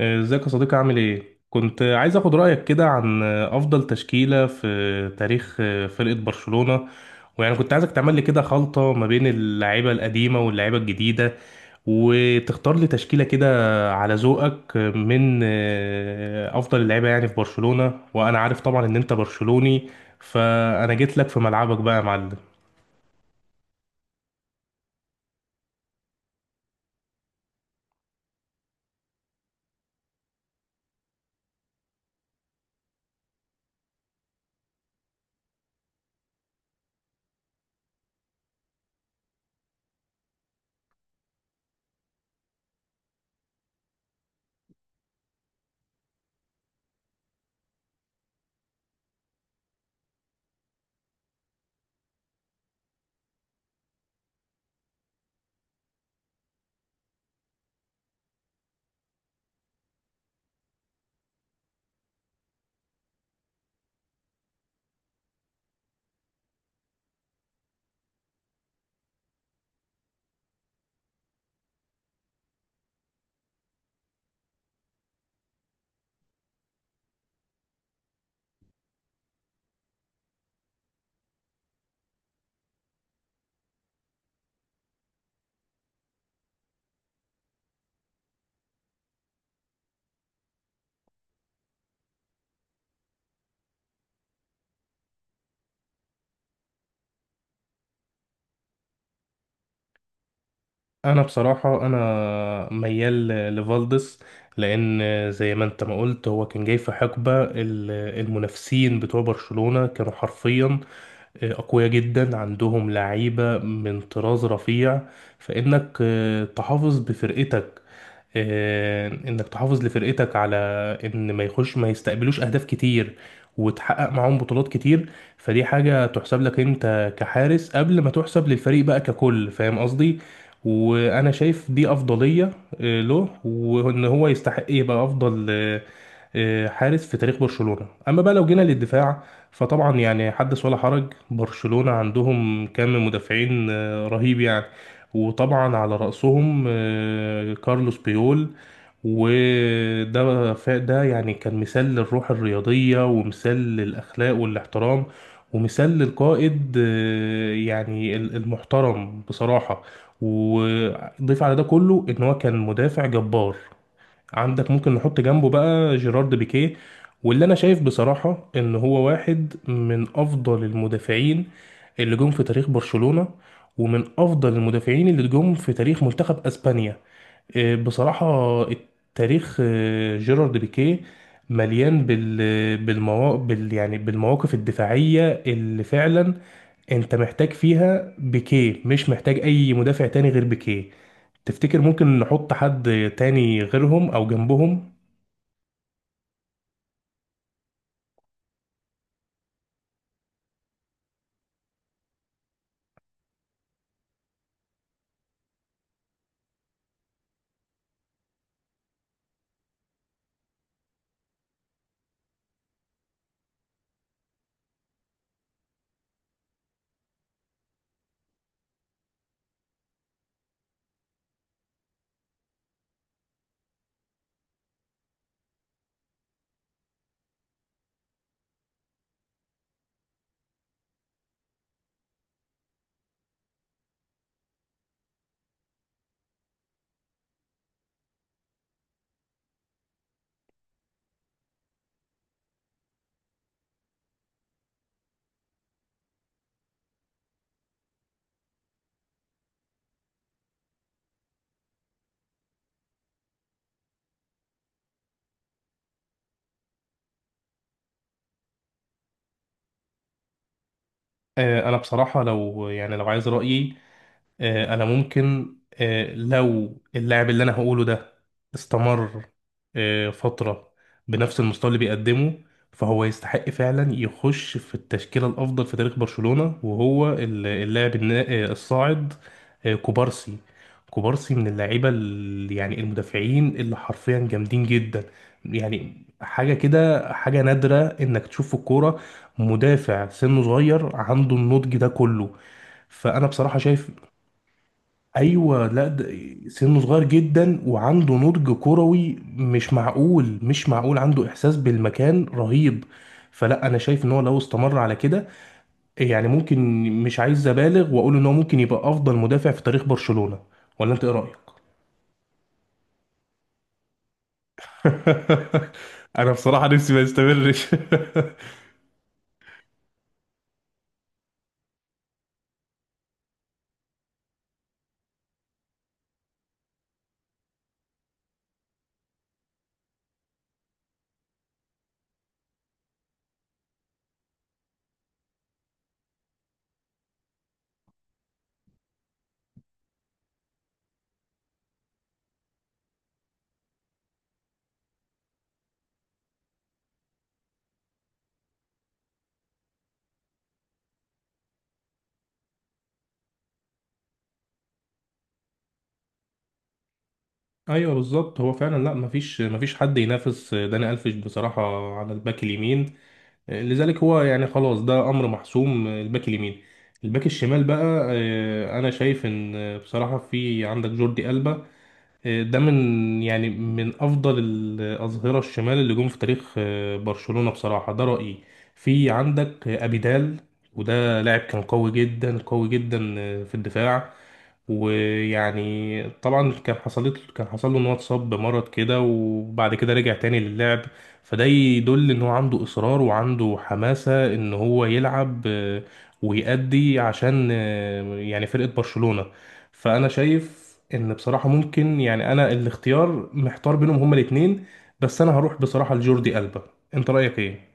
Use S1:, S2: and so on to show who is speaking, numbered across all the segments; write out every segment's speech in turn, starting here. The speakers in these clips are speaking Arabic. S1: ازيك يا صديقي؟ عامل ايه؟ كنت عايز اخد رأيك كده عن افضل تشكيلة في تاريخ فرقة برشلونة، ويعني كنت عايزك تعمل لي كده خلطة ما بين اللعيبة القديمة واللعيبة الجديدة، وتختار لي تشكيلة كده على ذوقك من افضل اللعيبة يعني في برشلونة. وانا عارف طبعا ان انت برشلوني، فانا جيت لك في ملعبك بقى يا معلم. انا بصراحه انا ميال لفالدس، لان زي ما انت ما قلت هو كان جاي في حقبه المنافسين بتوع برشلونه كانوا حرفيا اقوياء جدا، عندهم لعيبه من طراز رفيع. فانك تحافظ بفرقتك، انك تحافظ لفرقتك على ان ما يستقبلوش اهداف كتير، وتحقق معاهم بطولات كتير. فدي حاجة تحسب لك انت كحارس قبل ما تحسب للفريق بقى ككل، فاهم قصدي؟ وانا شايف دي افضلية له، وان هو يستحق يبقى افضل حارس في تاريخ برشلونة. اما بقى لو جينا للدفاع، فطبعا يعني حدث ولا حرج، برشلونة عندهم كم مدافعين رهيب يعني. وطبعا على رأسهم كارلوس بيول، وده ده يعني كان مثال للروح الرياضية، ومثال للأخلاق والاحترام، ومثال للقائد يعني المحترم بصراحة. وضيف على ده كله إن هو كان مدافع جبار. عندك ممكن نحط جنبه بقى جيرارد بيكيه، واللي انا شايف بصراحة ان هو واحد من افضل المدافعين اللي جم في تاريخ برشلونة، ومن افضل المدافعين اللي جم في تاريخ منتخب اسبانيا. إيه، بصراحة التاريخ جيرارد بيكيه مليان بال بالموا... بال يعني بالمواقف الدفاعية اللي فعلا انت محتاج فيها بيكيه، مش محتاج اي مدافع تاني غير بيكيه. تفتكر ممكن نحط حد تاني غيرهم او جنبهم؟ آه، انا بصراحة لو يعني لو عايز رأيي، انا ممكن، لو اللاعب اللي انا هقوله ده استمر فترة بنفس المستوى اللي بيقدمه، فهو يستحق فعلا يخش في التشكيلة الأفضل في تاريخ برشلونة. وهو ال- اللاعب النا- آه، الصاعد، كوبارسي. كوبارسي من اللعيبة يعني المدافعين اللي حرفيا جامدين جدا، يعني حاجة كده، حاجة نادرة إنك تشوف في الكورة مدافع سنه صغير عنده النضج ده كله. فانا بصراحه شايف، ايوه، لا ده سنه صغير جدا وعنده نضج كروي مش معقول، مش معقول، عنده احساس بالمكان رهيب. فلا انا شايف ان هو لو استمر على كده، يعني ممكن، مش عايز ابالغ واقول ان هو ممكن يبقى افضل مدافع في تاريخ برشلونة. ولا انت ايه رايك؟ انا بصراحة نفسي ما يستمرش. ايوه بالظبط، هو فعلا لا، مفيش حد ينافس داني الفيش بصراحة على الباك اليمين. لذلك هو يعني خلاص ده امر محسوم، الباك اليمين. الباك الشمال بقى، آه، انا شايف ان بصراحه في عندك جوردي ألبا. ده من يعني من افضل الاظهره الشمال اللي جم في تاريخ برشلونه بصراحه، ده رايي. في عندك ابيدال، وده لاعب كان قوي جدا، قوي جدا، في الدفاع. ويعني طبعا كان حصل له ان هو اتصاب بمرض كده، وبعد كده رجع تاني للعب. فده يدل ان هو عنده اصرار وعنده حماسة ان هو يلعب، ويأدي عشان يعني فرقة برشلونة. فانا شايف ان بصراحه ممكن، يعني انا الاختيار محتار بينهم هما الاثنين، بس انا هروح بصراحه لجوردي ألبا. انت رايك ايه؟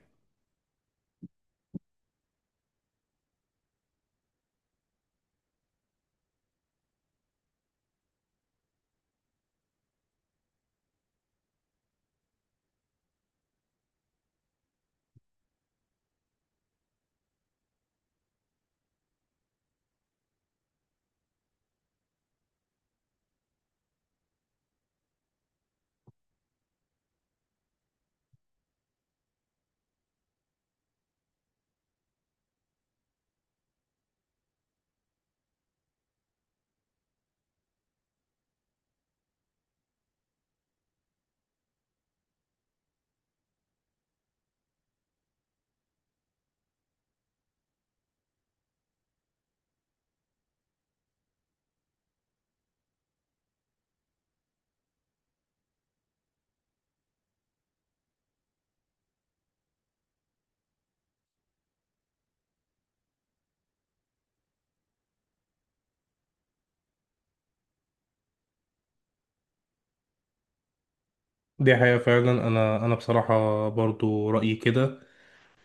S1: دي حقيقه فعلا. انا بصراحه برضو رايي كده.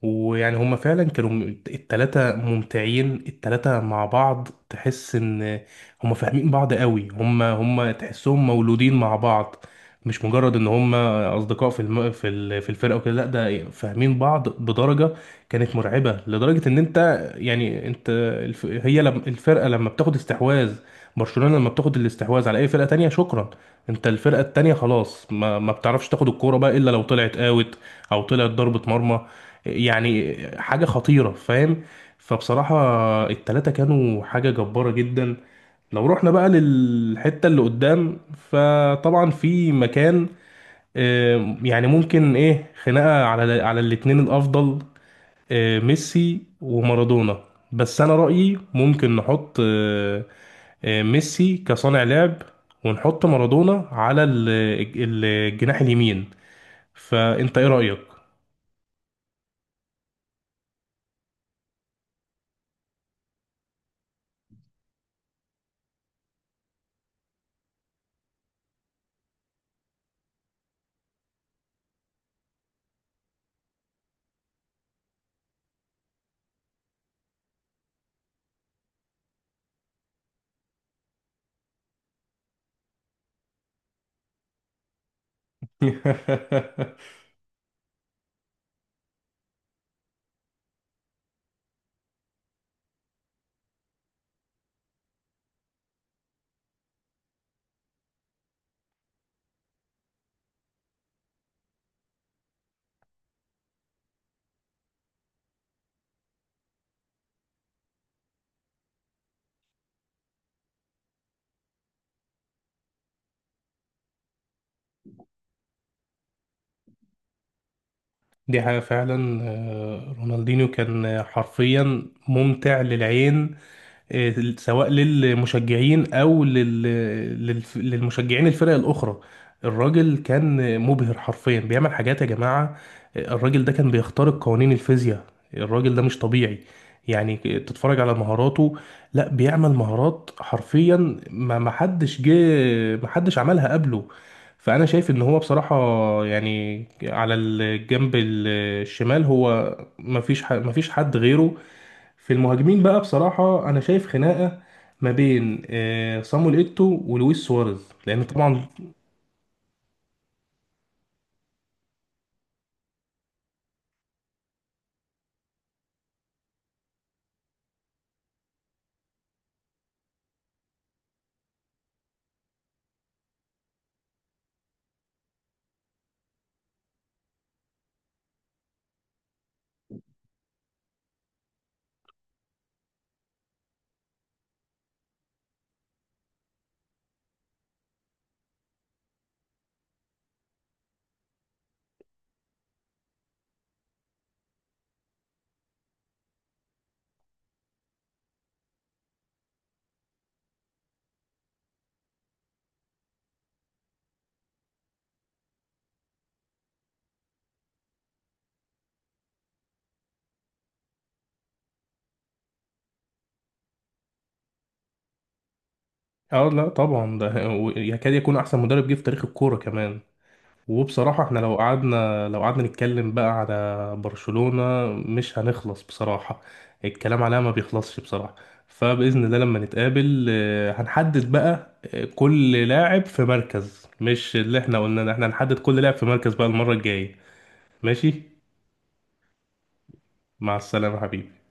S1: ويعني هما فعلا كانوا التلاتة ممتعين، التلاتة مع بعض تحس ان هما فاهمين بعض قوي. هما تحسهم مولودين مع بعض، مش مجرد ان هما اصدقاء في الم... في ال... في الفرقة وكده. لا ده فاهمين بعض بدرجة كانت مرعبة، لدرجة ان انت يعني انت الف... هي لم... الفرقة لما بتاخد استحواذ، برشلونة لما بتاخد الاستحواذ على اي فرقة تانية، شكرا، انت الفرقة التانية خلاص ما بتعرفش تاخد الكورة بقى الا لو طلعت اوت، او طلعت ضربة مرمى. يعني حاجة خطيرة، فاهم؟ فبصراحة التلاتة كانوا حاجة جبارة جدا. لو رحنا بقى للحتة اللي قدام، فطبعا في مكان، يعني ممكن ايه خناقة على على الاتنين الأفضل، ميسي ومارادونا. بس أنا رأيي ممكن نحط ميسي كصانع لعب، ونحط مارادونا على الجناح اليمين. فأنت ايه رأيك؟ دي حاجة فعلا. آه، رونالدينيو كان حرفيا ممتع للعين، سواء للمشجعين او للمشجعين الفرق الاخرى. الراجل كان مبهر حرفيا، بيعمل حاجات يا جماعة. الراجل ده كان بيخترق قوانين الفيزياء، الراجل ده مش طبيعي. يعني تتفرج على مهاراته، لا بيعمل مهارات حرفيا، ما حدش عملها قبله. فانا شايف ان هو بصراحة، يعني على الجنب الشمال هو ما فيش حد غيره. في المهاجمين بقى بصراحة أنا شايف خناقة ما بين صامويل إيتو ولويس سواريز، لأن طبعا اه لا طبعا ده يكاد يكون أحسن مدرب جه في تاريخ الكورة كمان. وبصراحة احنا لو قعدنا نتكلم بقى على برشلونة مش هنخلص بصراحة، الكلام عليها ما بيخلصش بصراحة. فبإذن الله لما نتقابل، هنحدد بقى كل لاعب في مركز. مش اللي احنا قلنا، احنا هنحدد كل لاعب في مركز بقى المرة الجاية. ماشي، مع السلامة حبيبي.